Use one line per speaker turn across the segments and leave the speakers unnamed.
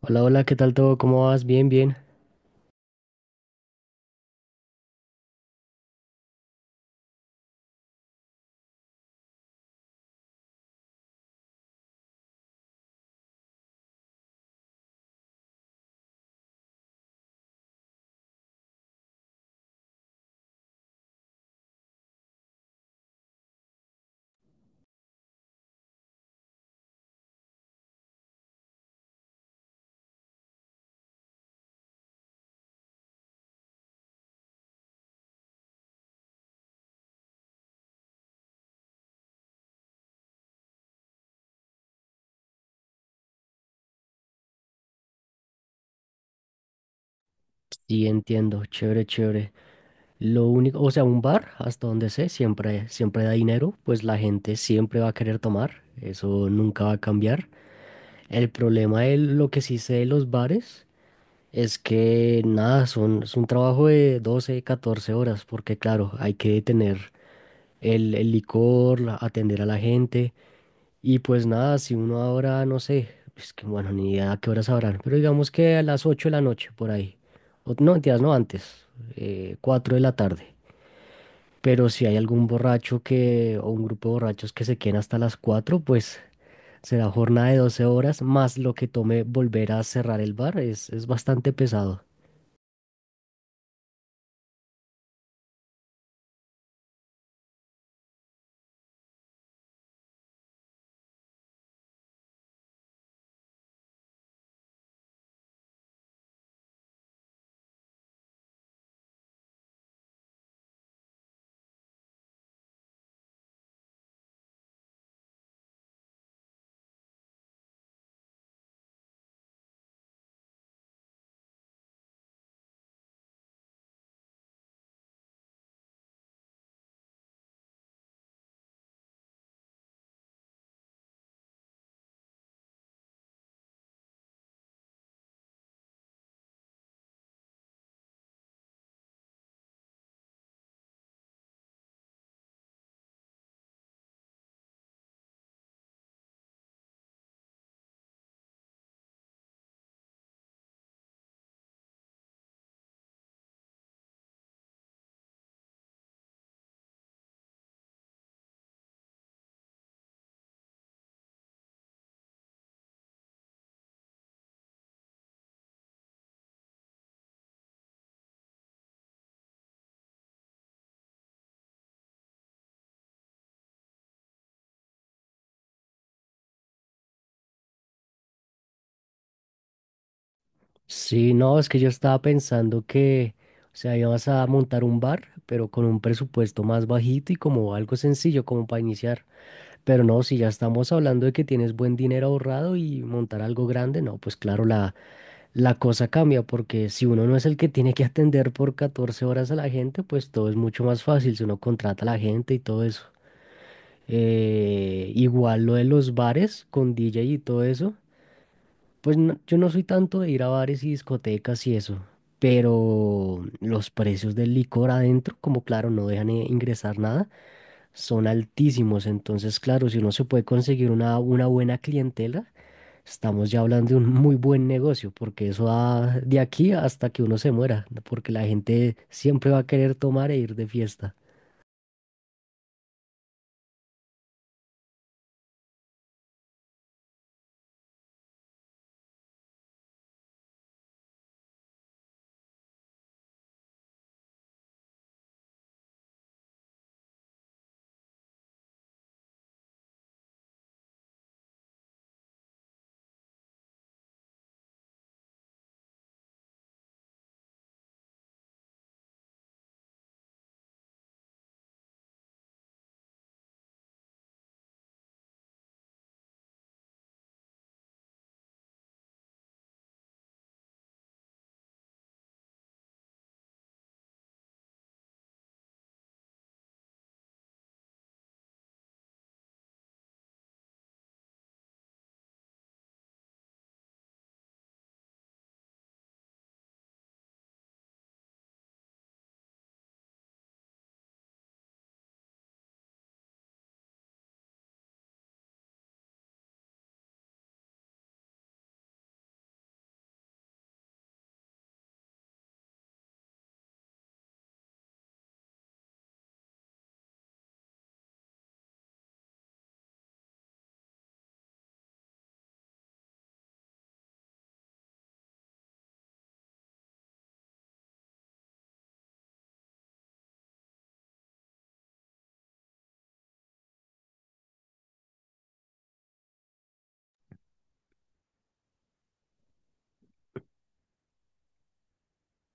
Hola, hola, ¿qué tal todo? ¿Cómo vas? Bien, bien. Sí, entiendo. Chévere, chévere. Lo único, o sea, un bar, hasta donde sé, siempre, siempre da dinero, pues la gente siempre va a querer tomar. Eso nunca va a cambiar. El problema de lo que sí sé de los bares es que nada, es un trabajo de 12, 14 horas, porque claro, hay que tener el licor, atender a la gente. Y pues nada, si uno ahora, no sé, es que bueno, ni idea a qué horas sabrán, pero digamos que a las 8 de la noche, por ahí. No, mentiras, no antes, 4 de la tarde. Pero si hay algún borracho que, o un grupo de borrachos que se queden hasta las 4 pues será jornada de 12 horas, más lo que tome volver a cerrar el bar, es bastante pesado. Sí, no, es que yo estaba pensando que, o sea, ibas a montar un bar, pero con un presupuesto más bajito y como algo sencillo, como para iniciar. Pero no, si ya estamos hablando de que tienes buen dinero ahorrado y montar algo grande, no, pues claro, la cosa cambia, porque si uno no es el que tiene que atender por 14 horas a la gente, pues todo es mucho más fácil si uno contrata a la gente y todo eso. Igual lo de los bares con DJ y todo eso, yo no soy tanto de ir a bares y discotecas y eso, pero los precios del licor adentro, como claro, no dejan ingresar nada son altísimos. Entonces, claro, si uno se puede conseguir una buena clientela, estamos ya hablando de un muy buen negocio, porque eso va de aquí hasta que uno se muera, porque la gente siempre va a querer tomar e ir de fiesta.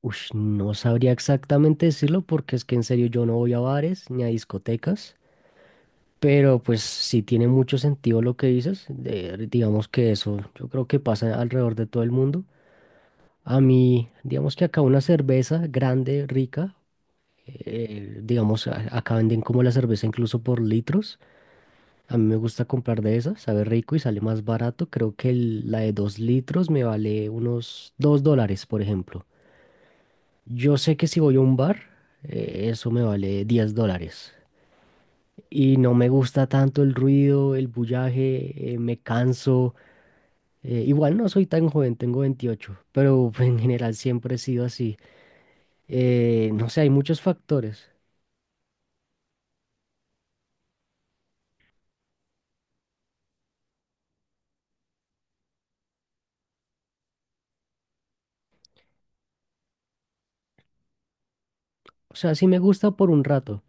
Ush, no sabría exactamente decirlo porque es que en serio yo no voy a bares ni a discotecas, pero pues sí tiene mucho sentido lo que dices, digamos que eso yo creo que pasa alrededor de todo el mundo. A mí, digamos que acá una cerveza grande, rica, digamos, acá venden como la cerveza incluso por litros. A mí me gusta comprar de esas, sabe rico y sale más barato. Creo que la de 2 litros me vale unos 2 dólares, por ejemplo. Yo sé que si voy a un bar, eso me vale 10 dólares. Y no me gusta tanto el ruido, el bullaje, me canso. Igual no soy tan joven, tengo 28 pero en general siempre he sido así. No sé, hay muchos factores. O sea, sí me gusta por un rato.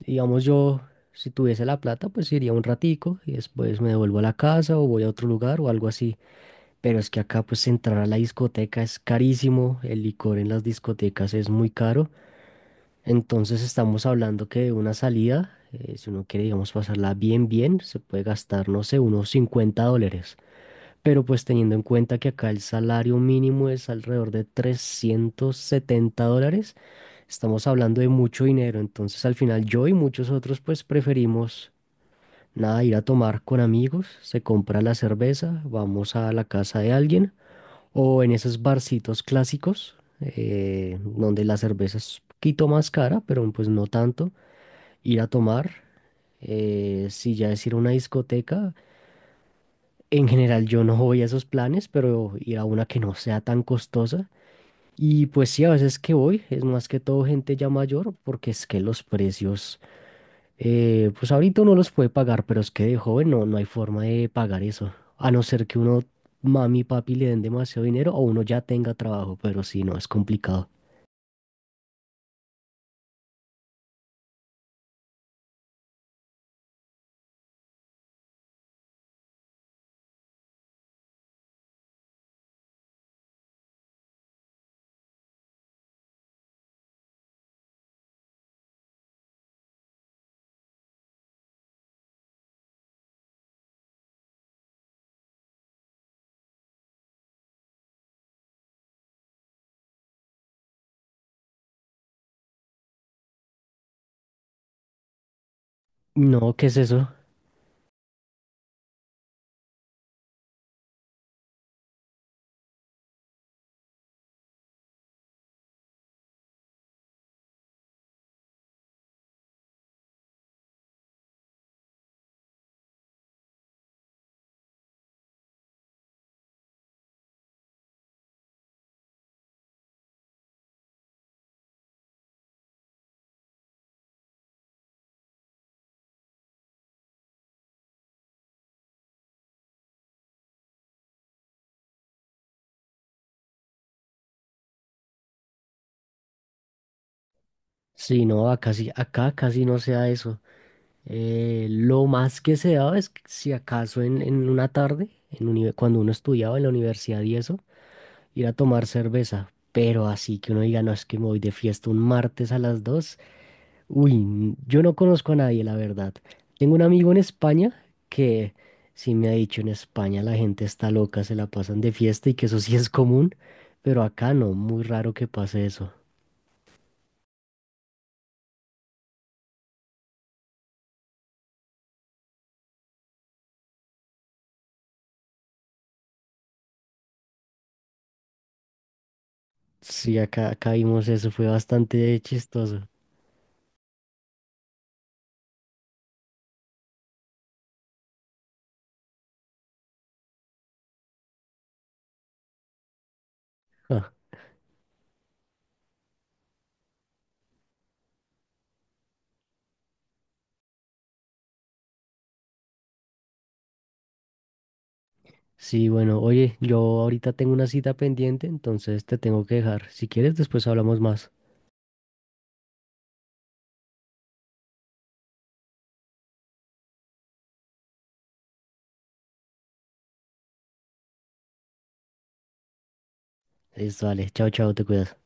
Digamos yo, si tuviese la plata, pues iría un ratico y después me devuelvo a la casa o voy a otro lugar o algo así. Pero es que acá pues entrar a la discoteca es carísimo, el licor en las discotecas es muy caro. Entonces estamos hablando que de una salida, si uno quiere, digamos, pasarla bien, bien, se puede gastar, no sé, unos 50 dólares. Pero pues teniendo en cuenta que acá el salario mínimo es alrededor de 370 dólares, estamos hablando de mucho dinero, entonces al final yo y muchos otros pues preferimos nada, ir a tomar con amigos, se compra la cerveza, vamos a la casa de alguien o en esos barcitos clásicos donde la cerveza es un poquito más cara, pero pues no tanto, ir a tomar. Si ya es ir a una discoteca, en general yo no voy a esos planes, pero ir a una que no sea tan costosa. Y pues sí, a veces que voy, es más que todo gente ya mayor, porque es que los precios, pues ahorita uno los puede pagar, pero es que de joven no, no hay forma de pagar eso. A no ser que uno, mami y papi le den demasiado dinero o uno ya tenga trabajo, pero si no, es complicado. No, ¿qué es eso? Si no, acá, acá casi no se da eso. Lo más que se daba es que si acaso en una tarde, cuando uno estudiaba en la universidad y eso, ir a tomar cerveza. Pero así que uno diga, no, es que me voy de fiesta un martes a las dos. Uy, yo no conozco a nadie, la verdad. Tengo un amigo en España que sí me ha dicho en España la gente está loca, se la pasan de fiesta y que eso sí es común, pero acá no, muy raro que pase eso. Sí, acá, acá vimos eso, fue bastante chistoso. Ah, sí, bueno, oye, yo ahorita tengo una cita pendiente, entonces te tengo que dejar. Si quieres, después hablamos más. Listo, vale, chao, chao, te cuidas.